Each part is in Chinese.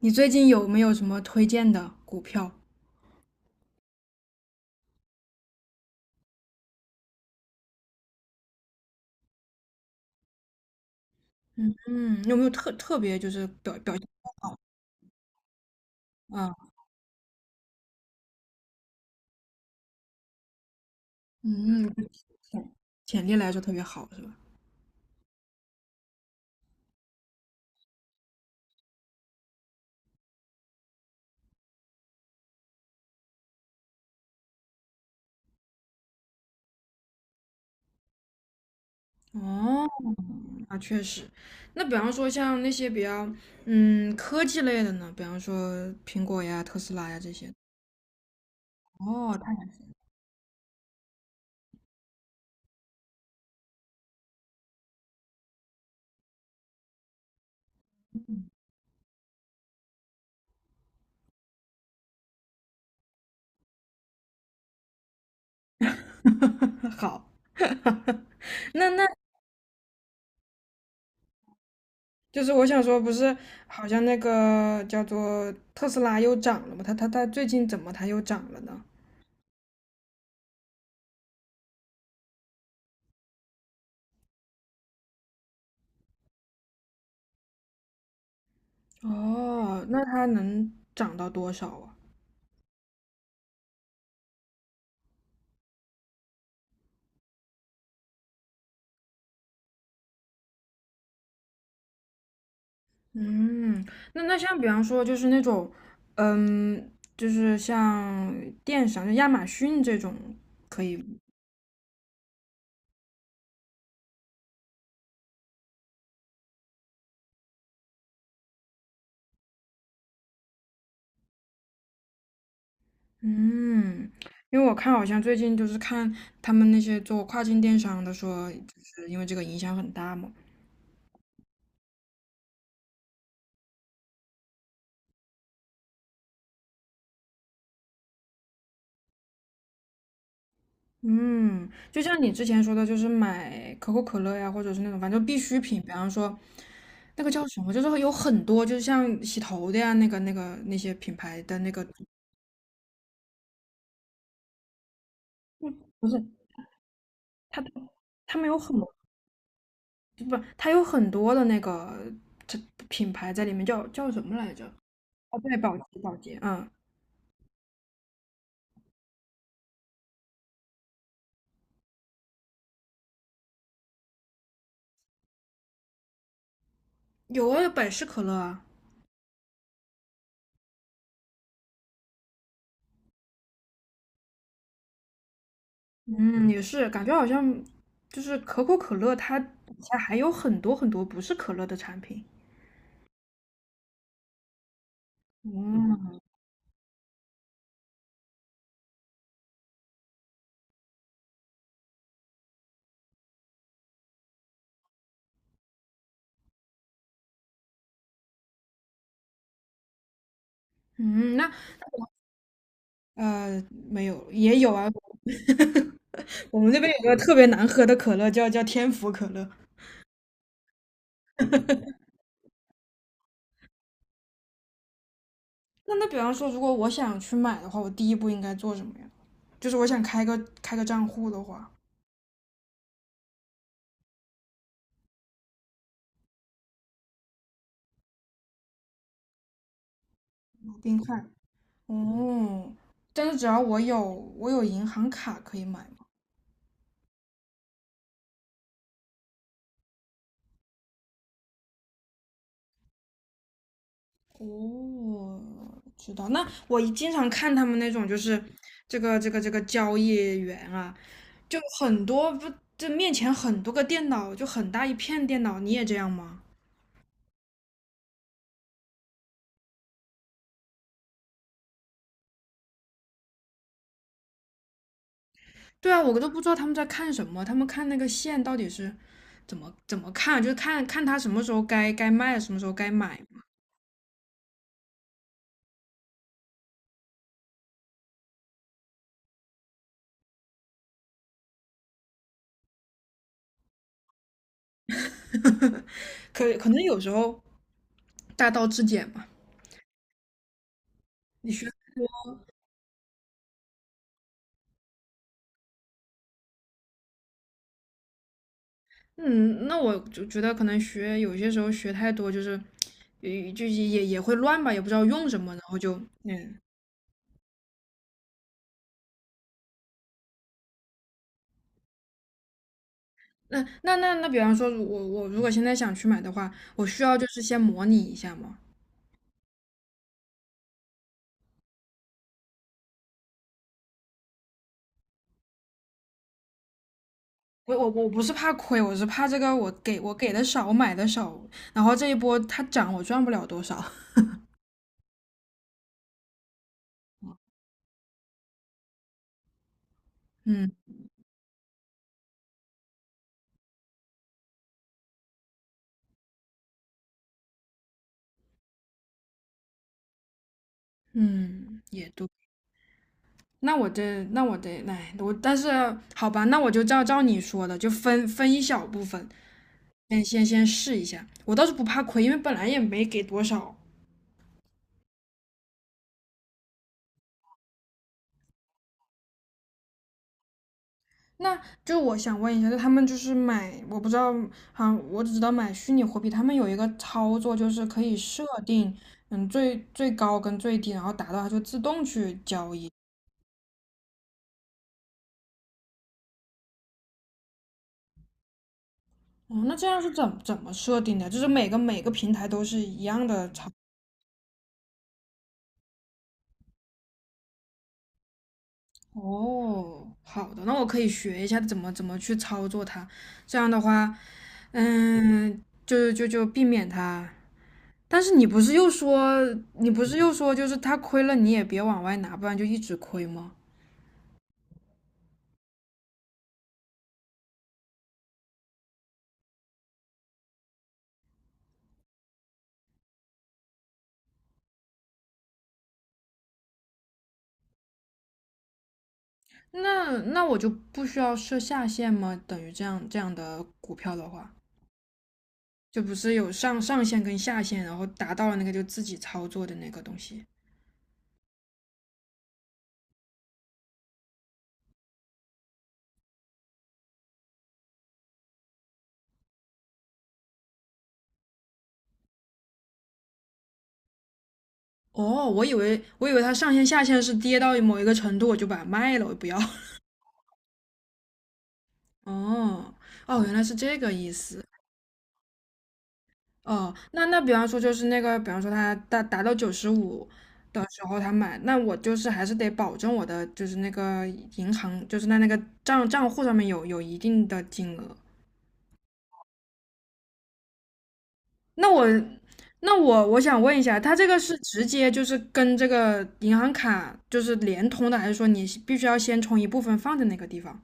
你最近有没有什么推荐的股票？嗯，有没有特别就是表现不好啊？嗯，嗯潜潜力来说特别好，是吧？哦，那确实。那比方说像那些比较科技类的呢，比方说苹果呀、特斯拉呀这些。哦，太 好。那就是我想说，不是好像那个叫做特斯拉又涨了吗？它最近怎么它又涨了呢？哦，那它能涨到多少啊？嗯，那像比方说就是那种，嗯，就是像电商，就亚马逊这种，可以，嗯，因为我看好像最近就是看他们那些做跨境电商的说，就是因为这个影响很大嘛。嗯，就像你之前说的，就是买可口可乐呀，或者是那种反正必需品，比方说那个叫什么，就是有很多，就是像洗头的呀，那个那些品牌的那个，不是他他们有很多。不，它有很多的这品牌在里面，叫什么来着？哦，对，宝洁，宝洁，嗯，有啊，百事可乐啊，嗯，也是，感觉好像就是可口可乐，它底下还有很多很多不是可乐的产品。嗯嗯，那呃没有，也有啊，我们这边有个特别难喝的可乐叫天府可乐。那比方说，如果我想去买的话，我第一步应该做什么呀？就是我想开个账户的话，冰块。哦，但是只要我有银行卡可以买吗？哦，知道。那我经常看他们那种就是这个交易员啊，就很多不这面前很多个电脑，就很大一片电脑，你也这样吗？对啊，我都不知道他们在看什么，他们看那个线到底是怎么看，就是看看他什么时候该卖，什么时候该买。可能有时候大道至简吧。嗯，那我就觉得可能学有些时候学太多，就是，也会乱吧，也不知道用什么，然后就，嗯，那，比方说我如果现在想去买的话，我需要就是先模拟一下吗？我不是怕亏，我是怕这个我给的少，我买的少，然后这一波它涨我赚不了多少。嗯嗯，也对。那我这，那我得，哎，我但是好吧，那我就照你说的，就分一小部分，先试一下。我倒是不怕亏，因为本来也没给多少。那就我想问一下，就他们就是买，我不知道，好像我只知道买虚拟货币，他们有一个操作就是可以设定，嗯，最高跟最低，然后达到它就自动去交易。哦，那这样是怎么设定的？就是每个平台都是一样的操。哦，好的，那我可以学一下怎么去操作它。这样的话，嗯，就避免它。但是你不是又说，就是它亏了你也别往外拿，不然就一直亏吗？那我就不需要设下限吗？等于这样的股票的话，就不是有上限跟下限，然后达到了那个就自己操作的那个东西。哦，我以为它上限下限是跌到某一个程度我就把它卖了，我不要。哦，哦，原来是这个意思。哦，那比方说就是那个，比方说他达到95的时候他买，那我就是还是得保证我的就是那个银行，就是在那个账户上面有一定的金额。那我那我想问一下，他这个是直接就是跟这个银行卡就是联通的，还是说你必须要先充一部分放在那个地方？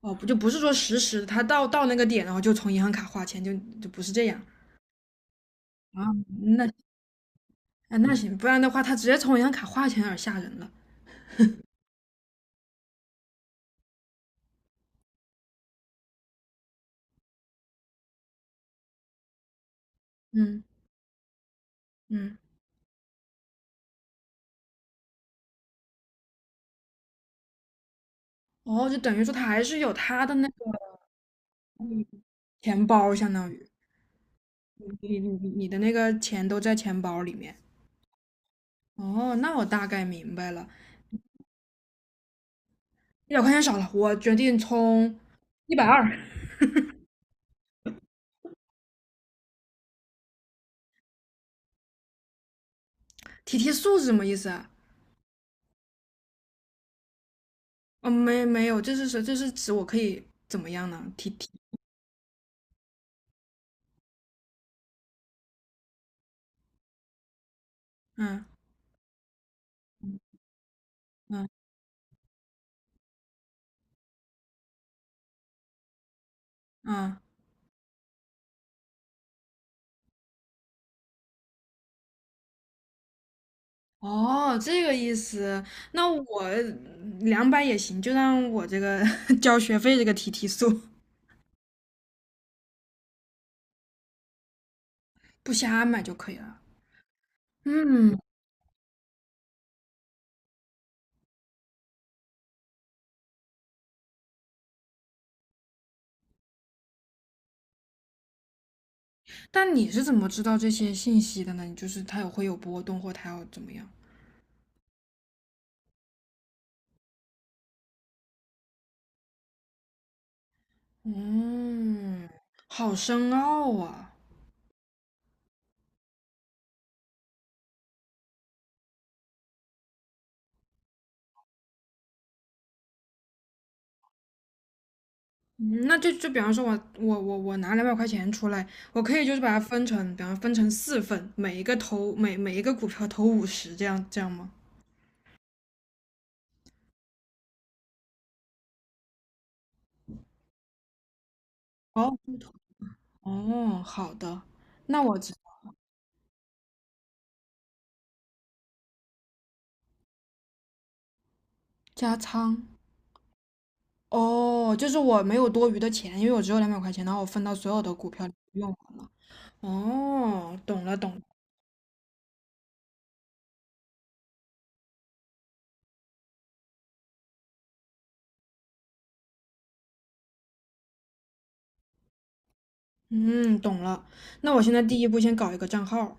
哦，不是说实时，他到那个点然后就从银行卡花钱，就不是这样。啊，那哎，那行，不然的话，他直接从银行卡划钱有点吓人了。嗯嗯，哦，就等于说他还是有他的那个钱包，相当于你的那个钱都在钱包里面。哦，那我大概明白了，一百块钱少了，我决定充120。提提速是什么意思啊？哦，没有，这是说这是指我可以怎么样呢？嗯嗯嗯，哦，这个意思，那我两百也行，就让我这个 交学费这个提提速，不瞎买就可以了。嗯，但你是怎么知道这些信息的呢？你就是它会有波动，或它要怎么样？嗯，好深奥啊。嗯那就比方说我，我拿两百块钱出来，我可以就是把它分成，比方分成四份，每一个股票投50，这样这样吗？哦，不投哦，好的，那我知加仓。哦，就是我没有多余的钱，因为我只有两百块钱，然后我分到所有的股票里用完了。哦，懂了，懂了，嗯，懂了。那我现在第一步先搞一个账号。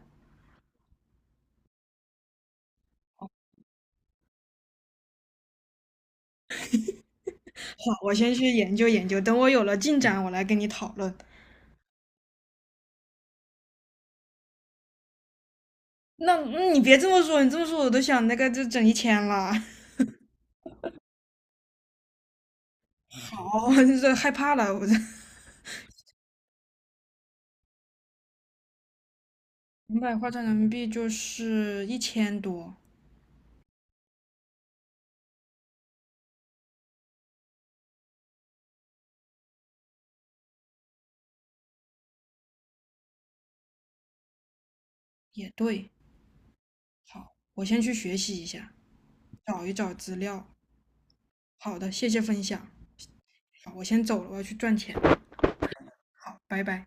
好，我先去研究研究，等我有了进展，我来跟你讨论。你别这么说，你这么说我都想那个就整一千了。好，我这害怕了，我这两百换成人民币就是1000多，也对。好，我先去学习一下，找一找资料。好的，谢谢分享。好，我先走了，我要去赚钱。好，拜拜。